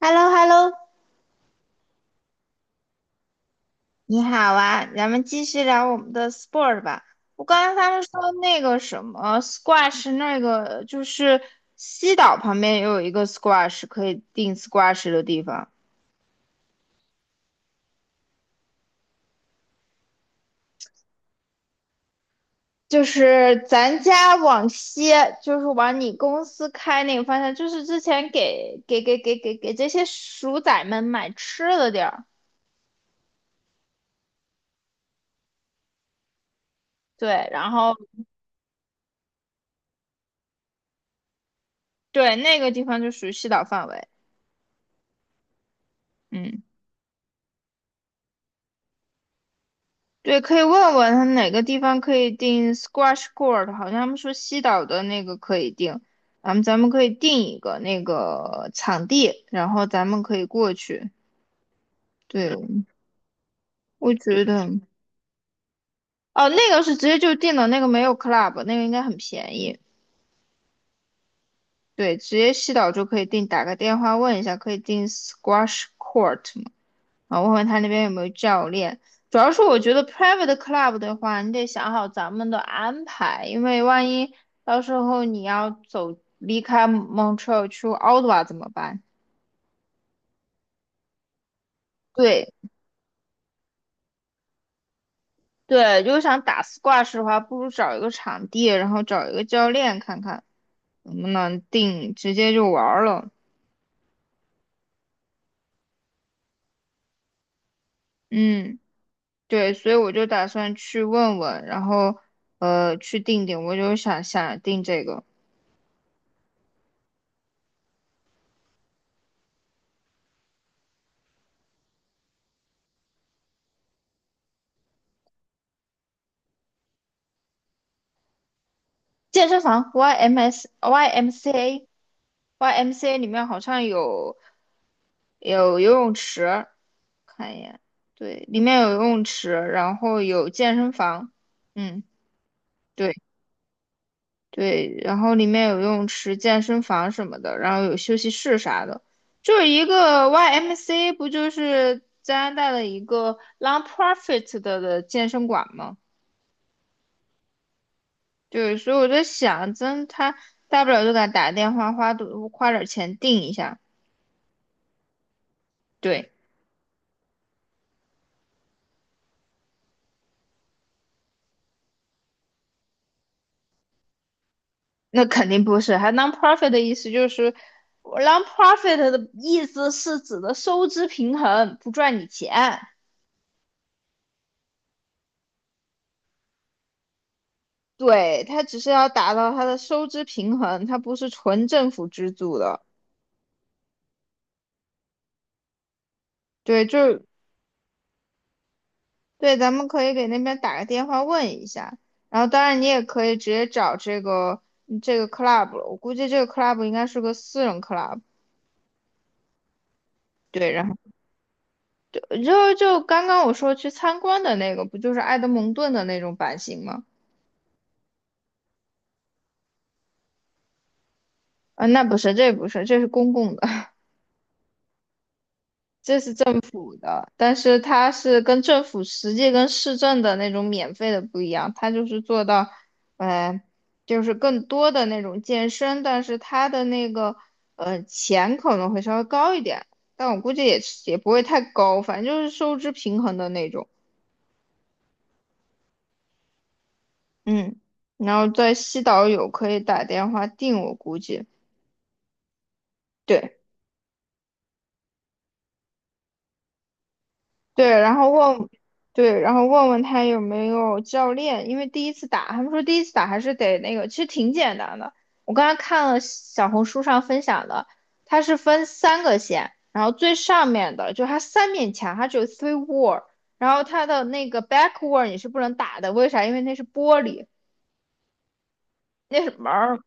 h e l l o h e l l o 你好啊，咱们继续聊我们的 sport 吧。我刚才他们说那个什么 squash，那个就是西岛旁边也有一个 squash 可以定 squash 的地方，就是咱家往西，就是往你公司开那个方向，就是之前给这些鼠仔们买吃的地儿。对，然后对那个地方就属于西岛范围。嗯。对，可以问问他哪个地方可以订 squash court，好像他们说西岛的那个可以订，咱们可以订一个那个场地，然后咱们可以过去。对，我觉得，哦，那个是直接就订的，那个没有 club，那个应该很便宜。对，直接西岛就可以订，打个电话问一下，可以订 squash court吗？啊，我问问他那边有没有教练。主要是我觉得 private club 的话，你得想好咱们的安排，因为万一到时候你要走离开 Montreal 去 OTT 怎么办？对，对，如果想打 s 挂 u 的话，不如找一个场地，然后找一个教练看看能不能定，直接就玩儿了。嗯，对，所以我就打算去问问，然后去定，我就想想定这个健身房 YMS YMCA。y m c A 里面好像有游泳池，看一眼，对，里面有游泳池，然后有健身房，嗯，对，对，然后里面有游泳池、健身房什么的，然后有休息室啥的，就是一个 y m c A 不就是加拿大的一个 non-profit 的健身馆吗？对，所以我在想，真他大不了就给他打个电话，花多花点钱订一下，对。那肯定不是。还 non-profit 的意思就是，non-profit 的意思是指的收支平衡，不赚你钱。对，它只是要达到它的收支平衡，它不是纯政府资助的。对，就是对，咱们可以给那边打个电话问一下。然后，当然你也可以直接找这个 club 了，我估计这个 club 应该是个私人 club。对，然后就就就刚刚我说去参观的那个，不就是埃德蒙顿的那种版型吗？嗯，那不是，这不是，这是公共的，这是政府的，但是它是跟政府实际跟市政的那种免费的不一样，它就是做到，呃，就是更多的那种健身，但是它的那个钱可能会稍微高一点，但我估计也是也不会太高，反正就是收支平衡的那种，嗯，然后在西岛有可以打电话订，我估计。对。对，然后问，对，然后问问他有没有教练，因为第一次打，他们说第一次打还是得那个，其实挺简单的。我刚才看了小红书上分享的，它是分三个线，然后最上面的就它三面墙，它只有 three wall，然后它的那个 back wall 你是不能打的，为啥？因为那是玻璃，那是门儿，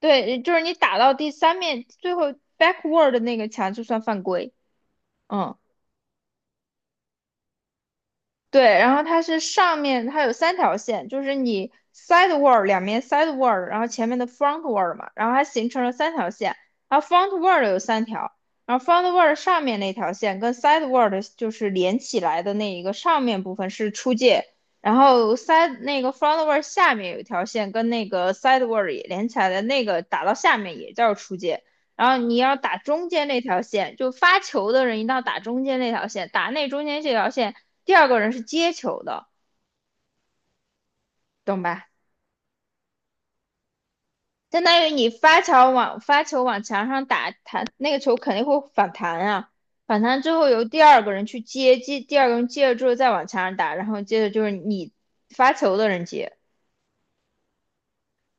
对，就是你打到第三面最后 back wall 的那个墙就算犯规，嗯。对，然后它是上面它有三条线，就是你 side word 两面 side word，然后前面的 front word 嘛，然后它形成了三条线，然后 front word 有三条，然后 front word 上面那条线跟 side word 就是连起来的那一个上面部分是出界，然后 side 那个 front word 下面有一条线跟那个 side word 也连起来的那个打到下面也叫出界，然后你要打中间那条线，就发球的人一定要打中间那条线，打那中间这条线，第二个人是接球的，懂吧？相当于你发球往墙上打，弹那个球肯定会反弹啊，反弹之后由第二个人去接，接第二个人接了之后再往墙上打，然后接着就是你发球的人接。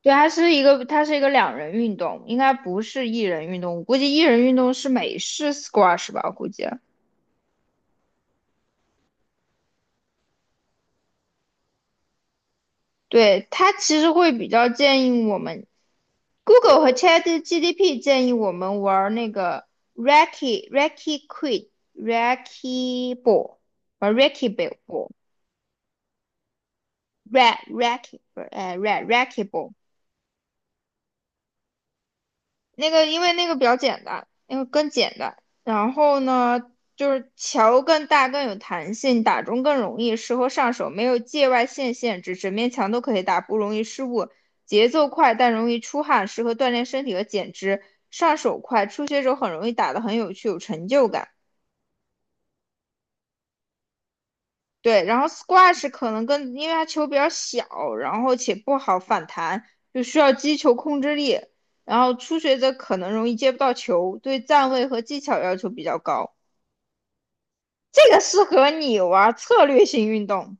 对，它是一个两人运动，应该不是一人运动。我估计一人运动是美式 squash 吧，我估计。对，它其实会比较建议我们 Google 和 ChatGPT 建议我们玩那个 Raki Raki Quid Raki Ball，玩 Raki Ball Raki Raki 不 r e Raki Ball。那个因为那个比较简单，那个更简单。然后呢，就是桥更大更有弹性，打中更容易，适合上手，没有界外线限制，整面墙都可以打，不容易失误。节奏快但容易出汗，适合锻炼身体和减脂。上手快，初学者很容易打得很有趣，有成就感。对，然后 squash 可能跟因为它球比较小，然后且不好反弹，就需要击球控制力。然后初学者可能容易接不到球，对站位和技巧要求比较高。这个适合你玩策略性运动。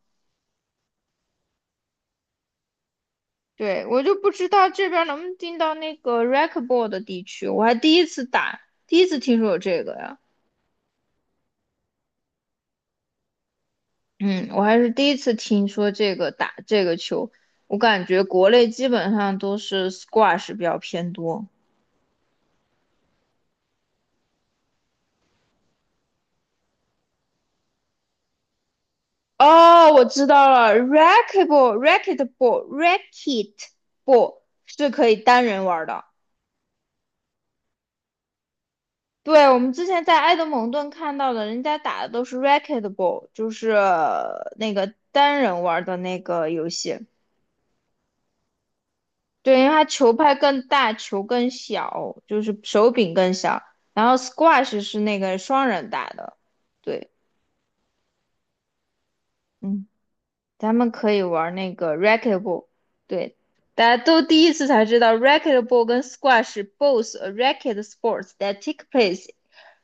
对，我就不知道这边能不能进到那个 racquetball 的地区，我还第一次打，第一次听说有这个呀。嗯，我还是第一次听说这个打这个球，我感觉国内基本上都是 squash 比较偏多。哦，我知道了 rackuetball racketball racketball 是可以单人玩儿的。对，我们之前在埃德蒙顿看到的，人家打的都是 r a c k e t b a l l 就是那个单人玩儿的那个游戏。对，因为它球拍更大，球更小，就是手柄更小。然后 squash 是那个双人打的。对，嗯。咱们可以玩那个 racquetball，对，大家都第一次才知道 racquetball 跟 squash both a racket sports that take place，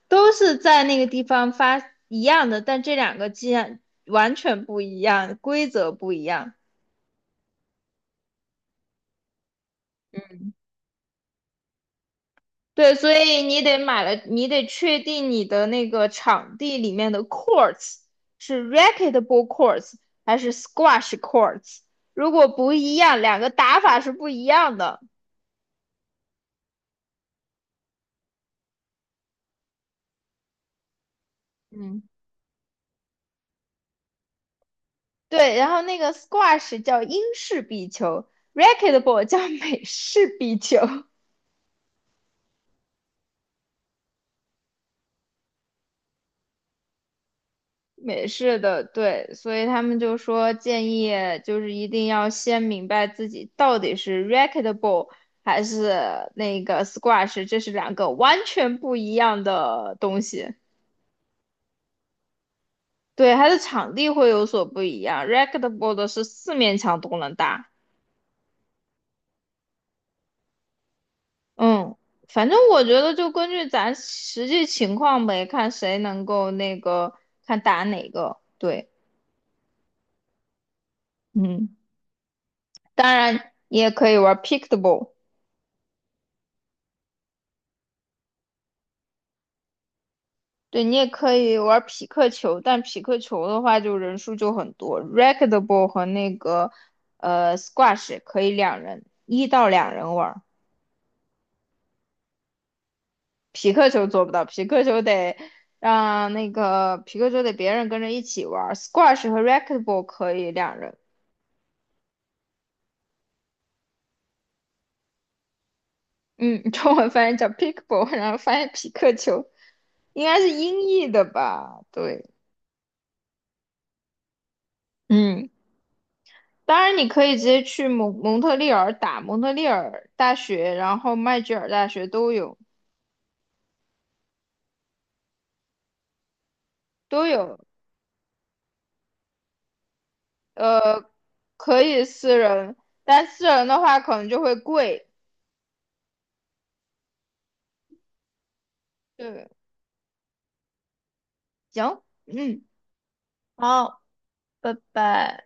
都是在那个地方发一样的，但这两个既然完全不一样，规则不一样。对，所以你得买了，你得确定你的那个场地里面的 courts 是 racquetball courts 还是 squash courts，如果不一样，两个打法是不一样的。嗯。对，然后那个 squash 叫英式壁球，racquetball 叫美式壁球，美式的，对，所以他们就说建议就是一定要先明白自己到底是 racquetball 还是那个 squash，这是两个完全不一样的东西。对，它的场地会有所不一样，racquetball 的是四面墙都能打。嗯，反正我觉得就根据咱实际情况呗，看谁能够那个，看打哪个。对，嗯，当然你也可以玩 pickleball，对，你也可以玩匹克球，但匹克球的话就人数就很多。racquetball 和那个squash 也可以两人，一到两人玩儿。匹克球做不到，匹克球得让那个匹克球得别人跟着一起玩 squash 和 racquetball 可以两人。嗯，中文翻译叫 pickle 然后翻译匹克球，应该是音译的吧？对，嗯，当然你可以直接去蒙特利尔打蒙特利尔大学，然后麦吉尔大学都有，呃，可以私人，但私人的话可能就会贵。对，行，嗯，好，拜拜。